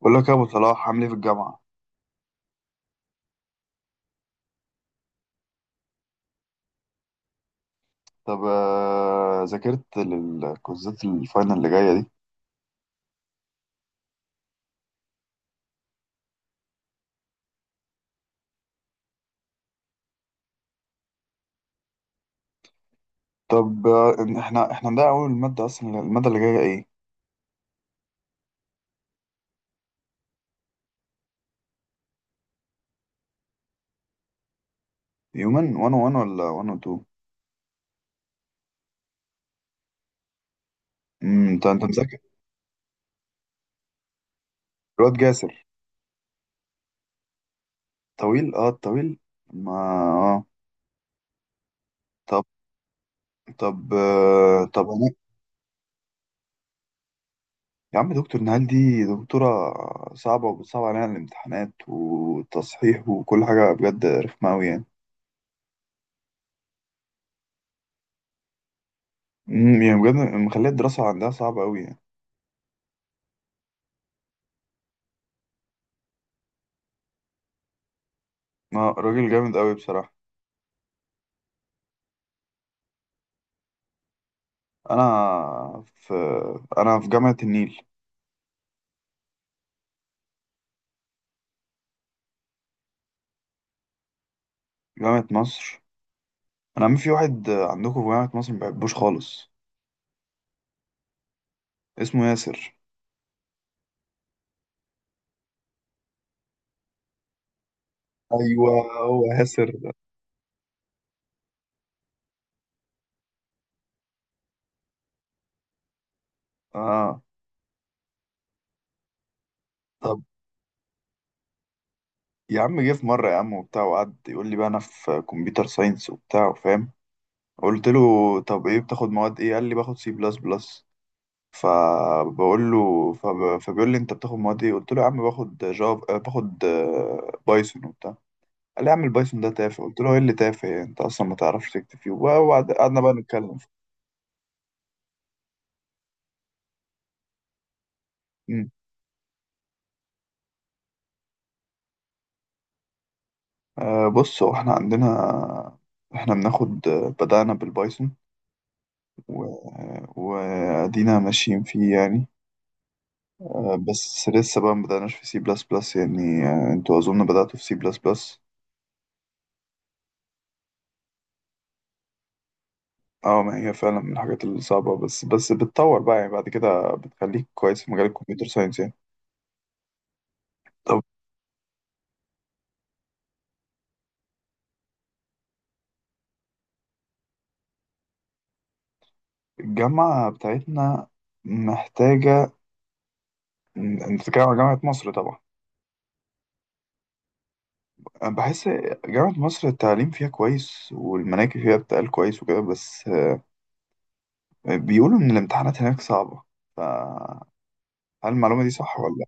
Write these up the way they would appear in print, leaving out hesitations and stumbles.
بقول لك يا ابو صلاح، عامل ايه في الجامعه؟ طب، ذاكرت للكوزات الفاينل اللي جايه دي؟ طب، إن احنا ده اول ماده، اصلا الماده اللي جايه ايه؟ هيومن 1 1 ولا 1 2؟ انت مذاكر؟ الواد جاسر. طويل، اه، طويل. ما. اه. طب. طب، انا. يا عم، دكتور نهال دي، دكتوره، صعبه وبتصعب علينا الامتحانات والتصحيح وكل حاجه بجد رخمه قوي يعني. يعني بجد مخليه الدراسه عندها صعبه قوي يعني. راجل جامد قوي بصراحه. انا في انا في جامعة النيل. جامعة مصر، انا عم في واحد عندكم في جامعة مصر ما بحبوش خالص. اسمه ياسر. ايوه، هو ياسر ده. اه. طب. يا عم، جه في مرة يا عم وبتاع، وقعد يقول لي بقى انا في كمبيوتر ساينس وبتاع، فاهم؟ قلت له: طب ايه بتاخد مواد ايه؟ قال لي: باخد سي بلس بلس. فبقول له، فبيقول لي: انت بتاخد مواد ايه؟ قلت له: يا عم باخد جافا، باخد بايثون وبتاع. قال لي: يا عم البايثون ده تافه. قلت له: ايه اللي تافه يعني، انت اصلا ما تعرفش تكتب فيه، قعدنا بقى نتكلم. امم بص، هو احنا عندنا، احنا بناخد، بدأنا بالبايثون. و- وادينا ماشيين فيه يعني. بس لسه بقى ما بدأناش في سي بلس بلس يعني. انتوا اظن بدأتوا في سي بلس بلس. اه، ما هي فعلا من الحاجات الصعبة، بس بتطور بقى يعني بعد كده بتخليك كويس في مجال الكمبيوتر ساينس يعني. طب. الجامعة بتاعتنا، محتاجة، انت بتتكلم على جامعة مصر طبعا. أنا بحس، جامعة مصر التعليم فيها كويس والمناهج فيها بتقال كويس وكده، بس بيقولوا إن الامتحانات هناك صعبة، فهل المعلومة دي صح ولا لأ؟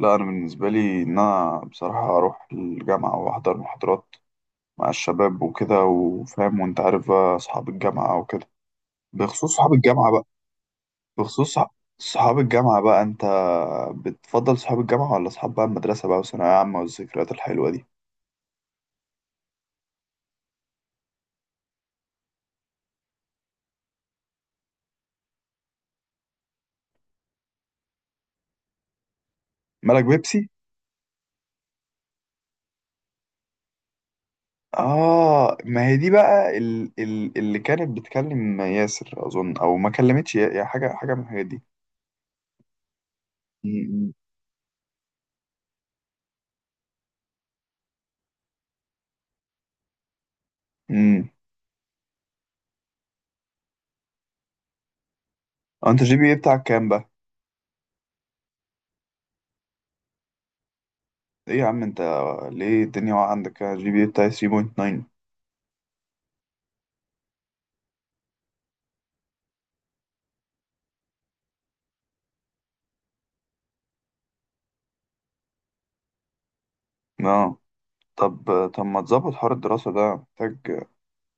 لا، أنا بالنسبة لي إن أنا بصراحة أروح الجامعة وأحضر محاضرات مع الشباب وكده، وفاهم، وأنت عارف بقى أصحاب الجامعة وكده. بخصوص صحاب الجامعة بقى، بخصوص صحاب الجامعة بقى، أنت بتفضل صحاب الجامعة ولا صحاب بقى المدرسة بقى، وثانوية عامة والذكريات الحلوة دي؟ مالك بيبسي؟ آه، ما هي دي بقى اللي كانت بتكلم ياسر أظن، أو ما كلمتش، يا حاجة من الحاجات دي. م- م. امم أنت جي بي إيه بتاعك كام بقى؟ إيه يا عم أنت، ليه الدنيا واقعة عندك، أنا جي بي إيه بتاعي 3.9. آه طب، ما تظبط حوار الدراسة ده، محتاج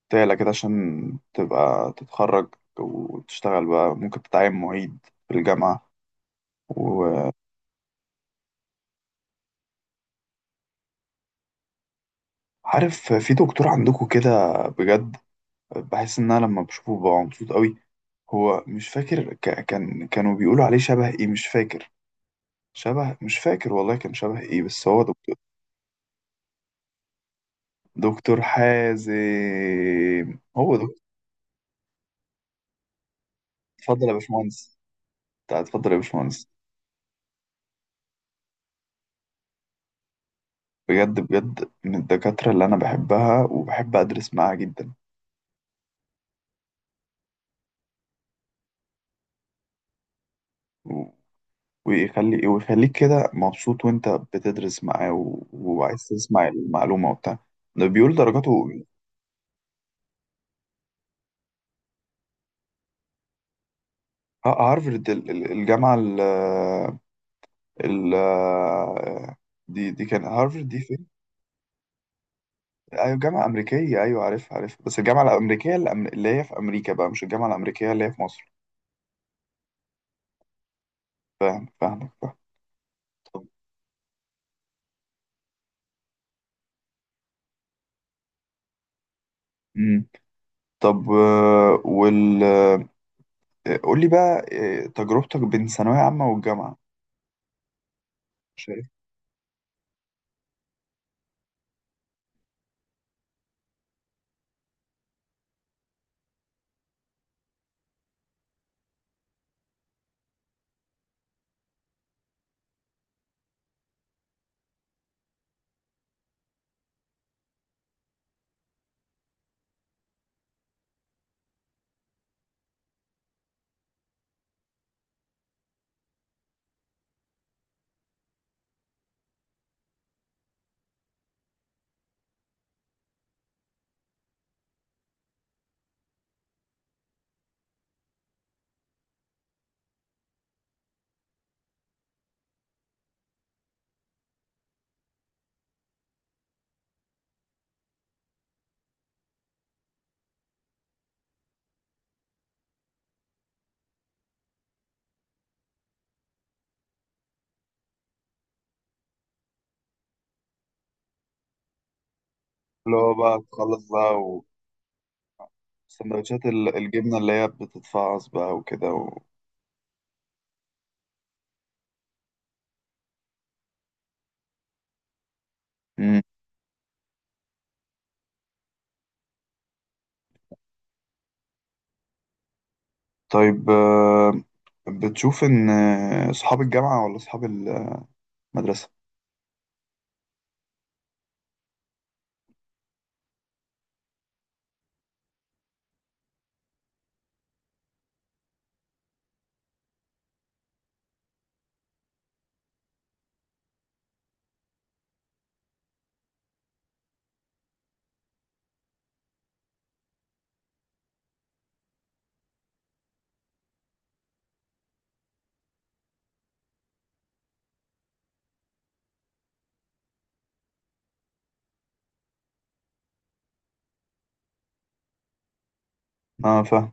تعلى كده عشان تبقى تتخرج، وتشتغل بقى، ممكن تتعين معيد في الجامعة، وعارف، في دكتور عندكم كده بجد، بحس ان انا لما بشوفه ببقى مبسوط قوي. هو مش فاكر، ك... كان كانوا بيقولوا عليه شبه ايه، مش فاكر، شبه، مش فاكر والله، كان شبه ايه، بس هو دكتور. دكتور حازم. هو دكتور؟ اتفضل يا باشمهندس. اتفضل يا باشمهندس. بجد، من الدكاترة اللي انا بحبها وبحب ادرس معاها جدا. و... ويخليك كده مبسوط وانت بتدرس معاه، وعايز تسمع المعلومة وبتاع. ده بيقول درجاته. هارفرد الجامعة ال آه، دي كان، هارفرد دي فين؟ أيوة، جامعة أمريكية. أيوة، عارفها، بس الجامعة الأمريكية اللي اللي هي في أمريكا بقى، مش الجامعة الأمريكية اللي هي في مصر. فاهم، فاهمك، فاهم. طب. مم. طب، وال آه، قول لي بقى تجربتك بين ثانوية عامة والجامعة. شايف، اللي هو بقى تخلص بقى، وسندوتشات الجبنة اللي هي بتتفعص بقى وكده مم. طيب، بتشوف إن صحاب الجامعة ولا صحاب المدرسة؟ اه، فاهم.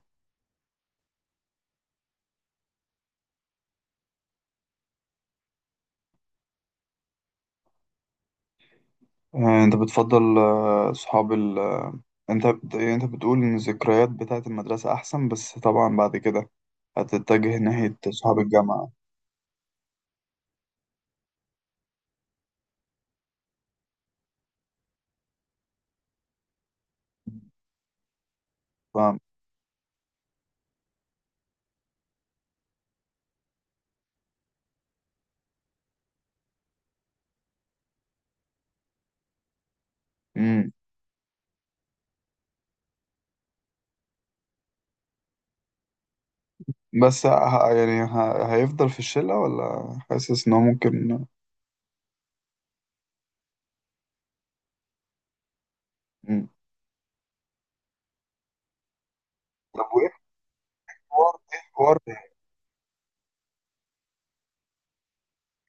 انت بتفضل صحاب ال... آه، يعني انت بتقول ان الذكريات بتاعت المدرسة احسن، بس طبعا بعد كده هتتجه ناحية صحاب الجامعة. ف... مم. بس، يعني هيفضل في الشلة ولا حاسس انه ممكن؟ مم. طب، وايه الحوار؟ ايه الحوار؟ ايه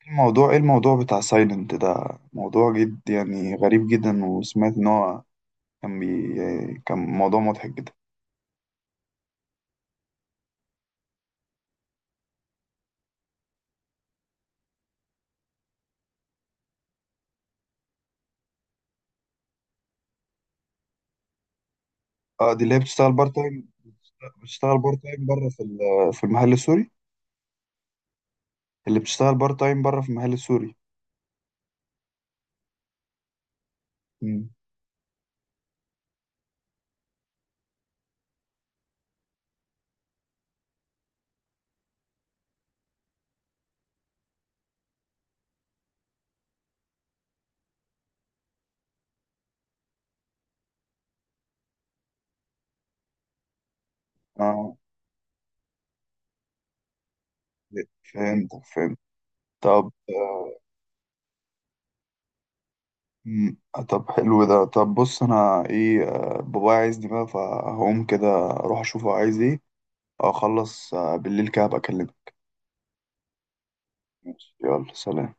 الموضوع؟ ايه الموضوع بتاع سايلنت ده، موضوع جد يعني، غريب جدا، وسمعت ان هو كان كان موضوع مضحك جدا. اه، دي اللي هي بتشتغل بارت تايم، بتشتغل بارت تايم بره في في المحل السوري، اللي بتشتغل بارت تايم بره في المحل السوري. مم. اه، فهمت. طب. مم، طب حلو ده. بص انا ايه، بابايا عايزني بقى، فهقوم كده اروح اشوفه عايز ايه، اخلص بالليل كده هبقى اكلمه. ماشي، يلا سلام.